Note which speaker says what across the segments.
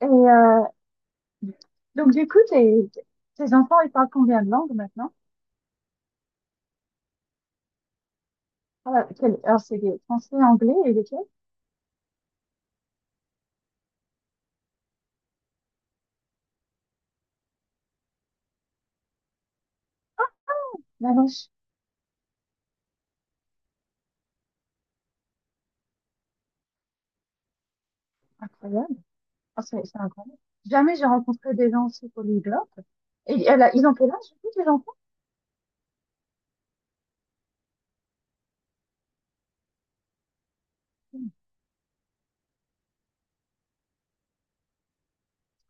Speaker 1: Et euh, donc, du coup, tes enfants, ils parlent combien de langues maintenant? Ah, bah, Alors, c'est des français, anglais et lesquels? La vache. Incroyable. Ah, c'est incroyable. Jamais j'ai rencontré des gens aussi polyglottes. Ils ont quel âge, du coup, tes enfants? C'est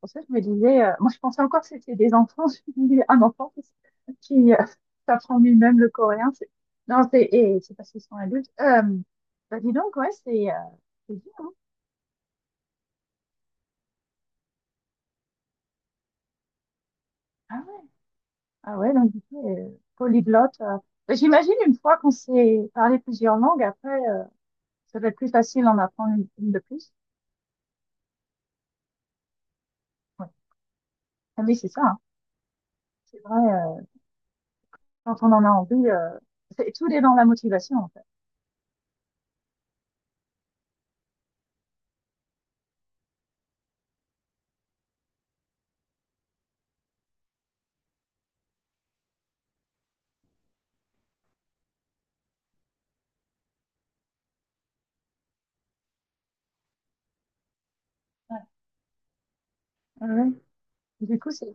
Speaker 1: pour ça que je me disais, moi, je pensais encore que c'était des enfants. Je me disais, un enfant qui s'apprend lui-même le coréen. Non, c'est parce qu'ils sont adultes. Bah, dis donc, ouais, c'est dur, hein. Ah ouais. Ah ouais, donc du coup, polyglotte. Mais j'imagine une fois qu'on sait parler plusieurs langues, après, ça va être plus facile d'en apprendre une de plus. Ouais. Ah, mais c'est ça, hein. C'est vrai, quand on en a envie, c'est, tout est dans la motivation, en fait. Ouais. Ah ouais. Du coup, c'est...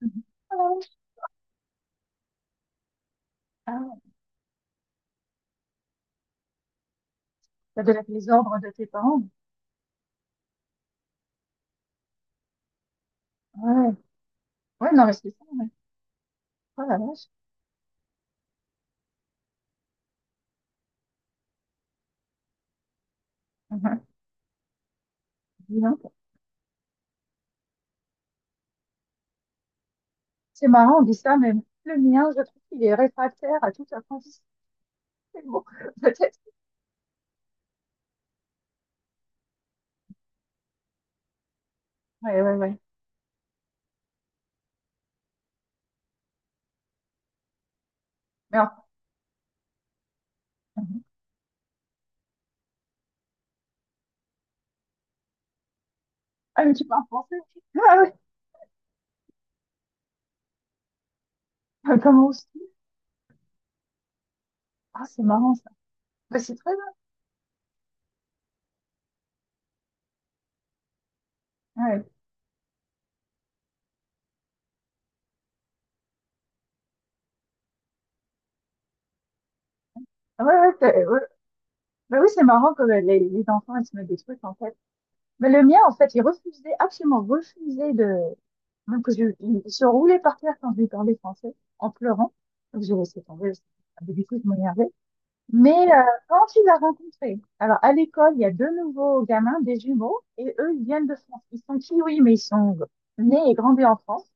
Speaker 1: Mhm. Ah ouais. Ah ouais. Ça doit être les ordres de tes parents. Ouais. Ouais, non, mais c'est ça, ouais. Oh la vache. Mhm. Dis donc. C'est marrant, on dit ça, mais le mien, je trouve qu'il est réfractaire à toute apprentissage. C'est bon, peut-être. Ouais, ouais, ouais. Mais en- Ah, mais tu parles français. Ah ouais, Ah, comment aussi? Ah, c'est marrant ça. Bah, c'est très bien. Ouais. Ah ouais, ouais, ouais. Bah oui, c'est marrant que les enfants, ils se mettent des trucs en fait. Mais le mien, en fait, il refusait, absolument refusait de. Même que je, il se roulait par terre quand je lui parlais français, en pleurant. Donc j'ai laissé tomber. Parce que, ah, mais du coup, je m'énervais. Mais quand tu les as rencontrés, alors à l'école, il y a deux nouveaux gamins, des jumeaux, et eux, ils viennent de France. Ils sont kiwis, mais ils sont nés et grandis en France.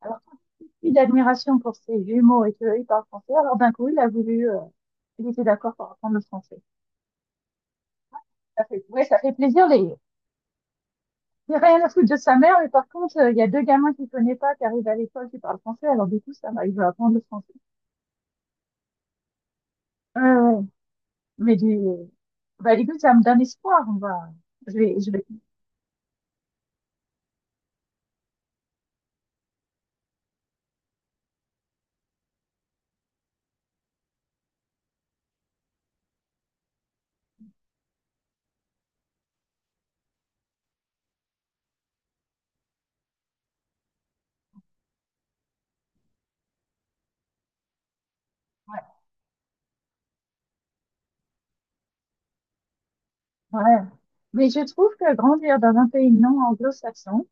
Speaker 1: Alors, plus d'admiration pour ces jumeaux et qu'eux, ils parlent français, alors d'un coup, il était d'accord pour apprendre le français. Ça fait, ouais, ça fait plaisir, il n'y a rien à foutre de sa mère, mais par contre, il y a deux gamins qu'il ne connaît pas, qui arrivent à l'école, qui parlent français, alors du coup, ça va, il veut apprendre le français. Ouais, ouais. Mais du, bah, du coup, ça me donne espoir, je vais. Ouais. Mais je trouve que grandir dans un pays non anglo-saxon,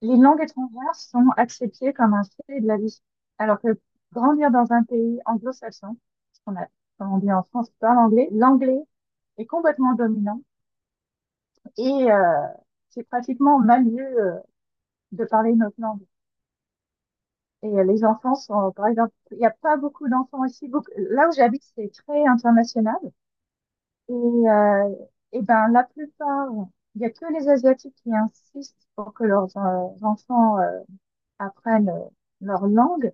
Speaker 1: les langues étrangères sont acceptées comme un fait de la vie. Alors que grandir dans un pays anglo-saxon, parce qu'on a, comme on dit en France, pas l'anglais, l'anglais est complètement dominant et euh, c'est pratiquement mal vu de parler notre langue. Les enfants sont, par exemple, il n'y a pas beaucoup d'enfants ici. Beaucoup, là où j'habite, c'est très international. Et, euh, et ben, la plupart, il n'y a que les Asiatiques qui insistent pour que leurs enfants apprennent leur langue.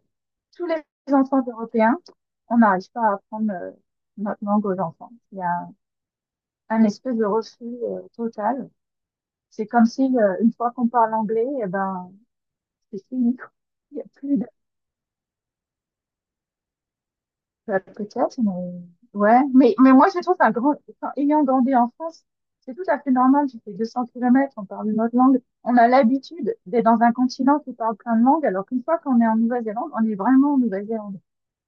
Speaker 1: Tous les enfants européens, on n'arrive pas à apprendre notre langue aux enfants. Il y a un espèce de refus total. C'est comme si, une fois qu'on parle anglais, et ben, c'est fini. Quoi. Il n'y a plus bah, peut-être, mais ouais. Mais moi, je trouve un grand, enfin, ayant grandi en France, c'est tout à fait normal. Tu fais 200 km, on parle une autre langue. On a l'habitude d'être dans un continent qui parle plein de langues, alors qu'une fois qu'on est en Nouvelle-Zélande, on est vraiment en Nouvelle-Zélande.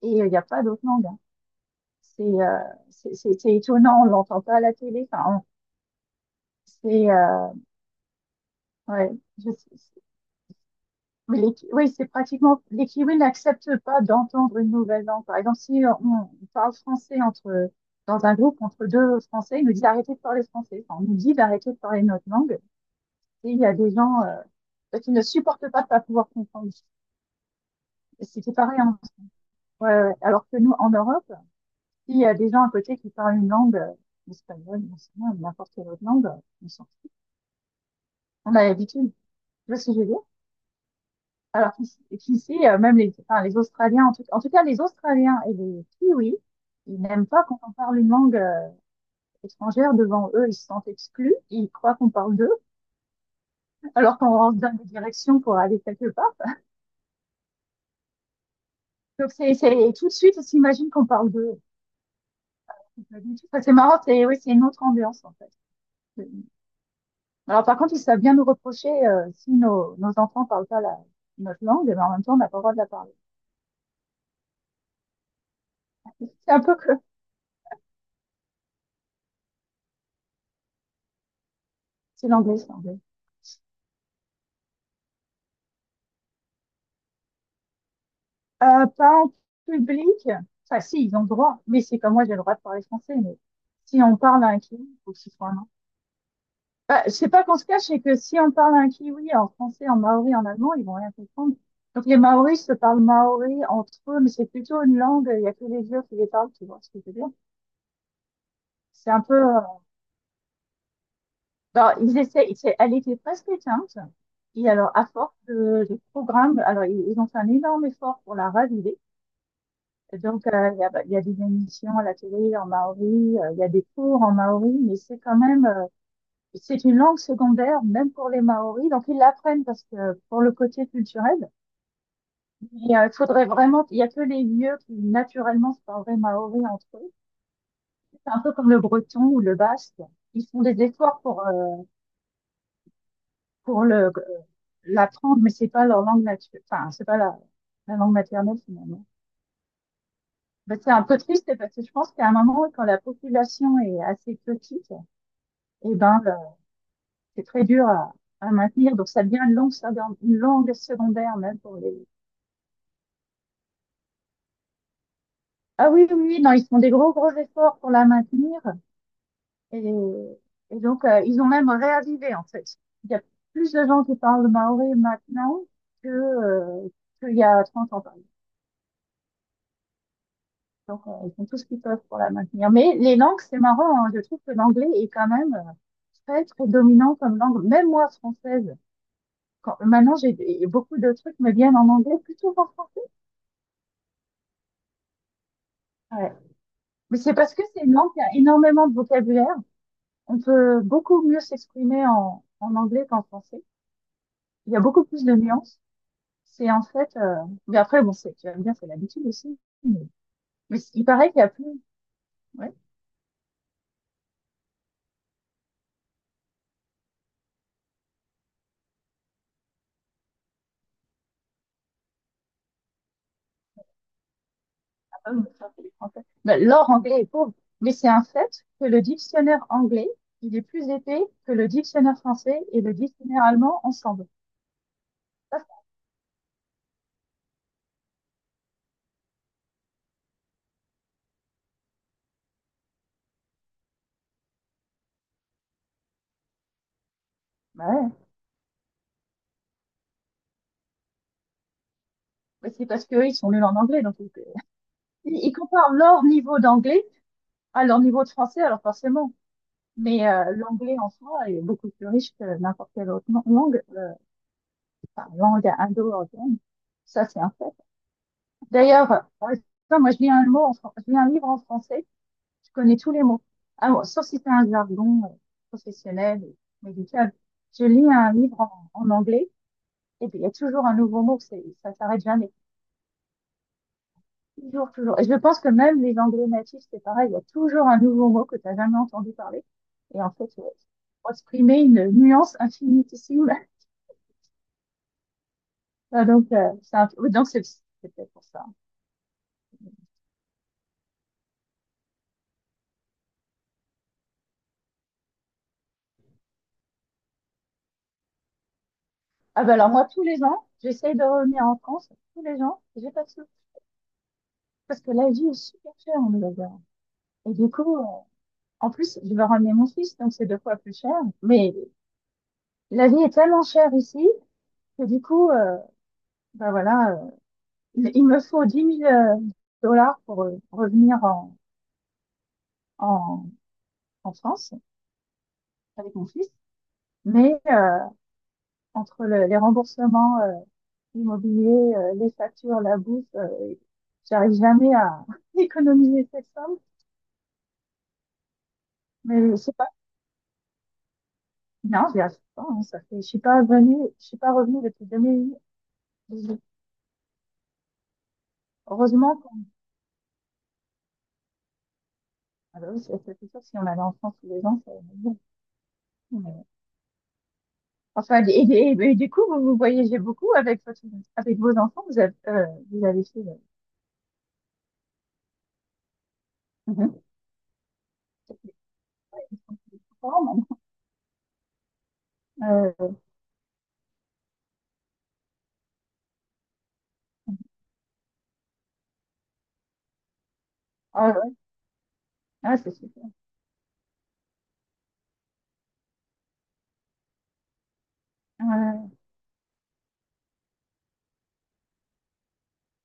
Speaker 1: Il n'y a pas d'autre langue. Hein. C'est euh, c'est c'est étonnant, on l'entend pas à la télé. C'est ouais. Je, oui, c'est pratiquement, les Kiwis n'acceptent pas d'entendre une nouvelle langue. Par exemple, si on parle français entre, dans un groupe entre deux Français, ils nous disent d'arrêter de parler français. Enfin, on nous dit d'arrêter de parler notre langue. Et il y a des gens qui ne supportent pas de pas pouvoir comprendre. Et c'était pareil. Ouais, ouais. Alors que nous, en Europe, s'il y a des gens à côté qui parlent une langue, l'espagnol, l'anglais, n'importe quelle autre langue, on s'en fout. On a l'habitude. Tu vois ce que je veux dire? Qu'ici, même les Australiens, en tout cas les Australiens et les Kiwis, ils n'aiment pas quand on parle une langue étrangère devant eux, ils se sentent exclus, ils croient qu'on parle d'eux, alors qu'on rentre dans des directions pour aller quelque part. C'est et tout de suite, on s'imagine qu'on parle d'eux. Pas du tout. Enfin, c'est marrant, c'est oui, c'est une autre ambiance en fait. Alors par contre, ils savent bien nous reprocher si nos enfants parlent pas notre langue, mais en même temps, on n'a pas le droit de la parler. C'est un peu que c'est l'anglais. Pas en public. Enfin, si, ils ont le droit. Mais c'est comme moi, j'ai le droit de parler français, mais si on parle à un kiwi, il faut que ce soit un an. Bah, je sais pas qu'on se cache, c'est que si on parle à un kiwi en français, en maori, en allemand, ils vont rien comprendre. Donc, les maoris se parlent maori entre eux, mais c'est plutôt une langue, il y a que les vieux qui les parlent, tu vois ce que je veux dire. C'est un peu, euh, alors, ils essaient, elle était presque éteinte. Et alors, à force de programmes, alors, ils ont fait un énorme effort pour la raviver. Et donc, il y a, bah, il y a des émissions à la télé en maori, il y a des cours en maori, mais c'est quand même, c'est une langue secondaire, même pour les maoris. Donc, ils l'apprennent parce que pour le côté culturel, mais, il faudrait vraiment, il y a que les lieux qui naturellement se parleraient maori entre eux. C'est un peu comme le breton ou le basque. Ils font des efforts pour l'apprendre, mais c'est pas leur langue naturelle, enfin, c'est pas la langue maternelle finalement. Ben, c'est un peu triste parce que je pense qu'à un moment, quand la population est assez petite, eh ben, le- c'est très dur à maintenir. Donc, ça devient une langue secondaire, même pour les. Ah oui, oui, oui, non, ils font des gros, gros efforts pour la maintenir. Et, et donc, ils ont même réavivé, en fait. Il y a plus de gens qui parlent maoré maintenant que, euh, qu'il y a 30 ans, par exemple. Donc, ils font tout ce qu'ils peuvent pour la maintenir. Mais les langues, c'est marrant, hein. Je trouve que l'anglais est quand même très, très dominant comme langue. Même moi, française, maintenant, j'ai et beaucoup de trucs me viennent en anglais plutôt qu'en français. Ouais. Mais c'est parce que c'est une langue qui a énormément de vocabulaire. On peut beaucoup mieux s'exprimer en anglais qu'en français. Il y a beaucoup plus de nuances. C'est en fait, euh... mais après, bon, tu vas me dire, c'est l'habitude aussi. Mais il paraît qu'il y a plus, ouais, ah, pardon, je parle que les Français. Ben, l'or anglais est pauvre. Mais c'est un fait que le dictionnaire anglais, il est plus épais que le dictionnaire français et le dictionnaire allemand ensemble. Ça, bah ouais. Mais c'est parce qu'eux, ils sont nuls en anglais, ils comparent leur niveau d'anglais à leur niveau de français, alors forcément. Mais l'anglais en soi est beaucoup plus riche que n'importe quelle autre langue, langue indo-européenne. Ça, c'est un fait. D'ailleurs, par exemple, moi, je lis un livre en français, je connais tous les mots. Ah, bon, sauf si c'est un jargon professionnel ou médical. Je lis un livre en anglais, et puis il y a toujours un nouveau mot, ça s'arrête jamais. Toujours, toujours. Et je pense que même les anglais natifs, c'est pareil, il y a toujours un nouveau mot que tu n'as jamais entendu parler. Et en fait, exprimer une nuance infinitissime ah, donc, oui, donc c'est peut-être pour ça. Ah ben alors moi, tous les ans, j'essaye de revenir en France, tous les ans, j'ai pas de sous. Parce que la vie est super chère en Nouvelle-Zélande. Et du coup, en plus, je vais ramener mon fils, donc c'est deux fois plus cher. Mais la vie est tellement chère ici que du coup, bah voilà, il me faut 10 000 dollars pour revenir en, en France avec mon fils. Mais les remboursements l'immobilier, les factures, la bouffe, j'arrive jamais à économiser cette somme. Mais je sais pas, non, j'y arrive pas, hein, ça fait, je suis pas revenue depuis 2018. Heureusement qu'on, ah bah oui, c'est sûr, si on allait en France tous les ans, ça aurait été bon. Mais- Enfin, et du coup, vous voyagez beaucoup avec avec vos enfants, vous avez fait, Mhm. Euh, ah ouais, ah, c'est super.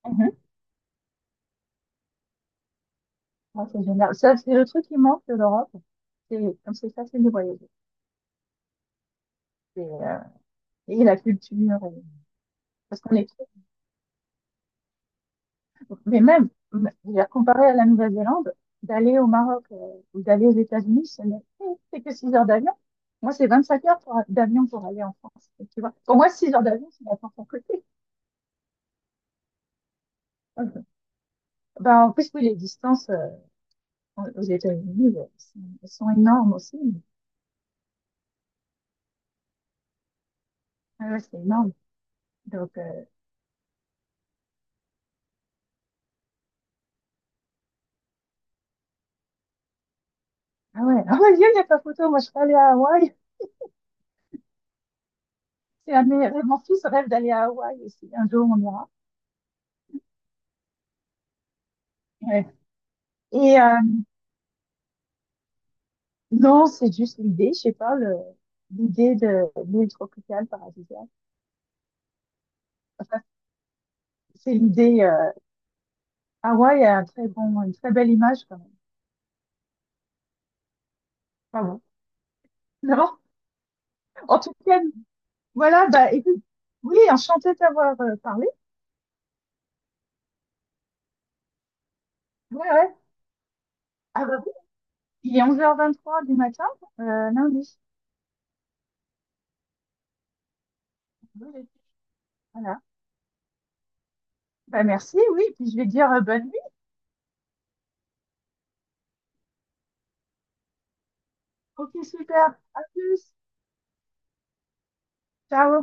Speaker 1: Euh, Ah, c'est génial. Ça, c'est le truc qui manque de l'Europe. C'est comme c'est facile de voyager. Et, euh, et la culture. Parce qu'on est trop... Mais même, je veux dire, comparé à la Nouvelle-Zélande, d'aller au Maroc ou d'aller aux États-Unis, ce n'est c'est que 6 heures d'avion. Moi, c'est 25 heures d'avion pour aller en France. Et tu vois, pour moi, 6 heures d'avion, c'est la France à côté. Ben, en plus, oui, les distances aux États-Unis sont énormes aussi. Ah ouais, c'est énorme. Donc, ah ouais, ah ouais, il n'y a pas photo. Moi, je suis allée à Hawaï. C'est un de mes rêves. Mon fils rêve d'aller à Hawaï aussi. Un jour, on ira. Ouais. Et euh, non, c'est juste l'idée, je sais pas, l'idée de l'île tropicale paradisiaque. Enfin, c'est l'idée. Hawaï a une très belle image quand même. Pas bon. Non, en tout cas, voilà. Bah, écoute, oui, enchanté d'avoir parlé. Ouais, ouais. Ah bah oui, il est 11h23 du matin, lundi. Oui. Voilà. Bah merci, oui. Puis je vais dire bonne nuit. Ok, super. À plus. Ciao.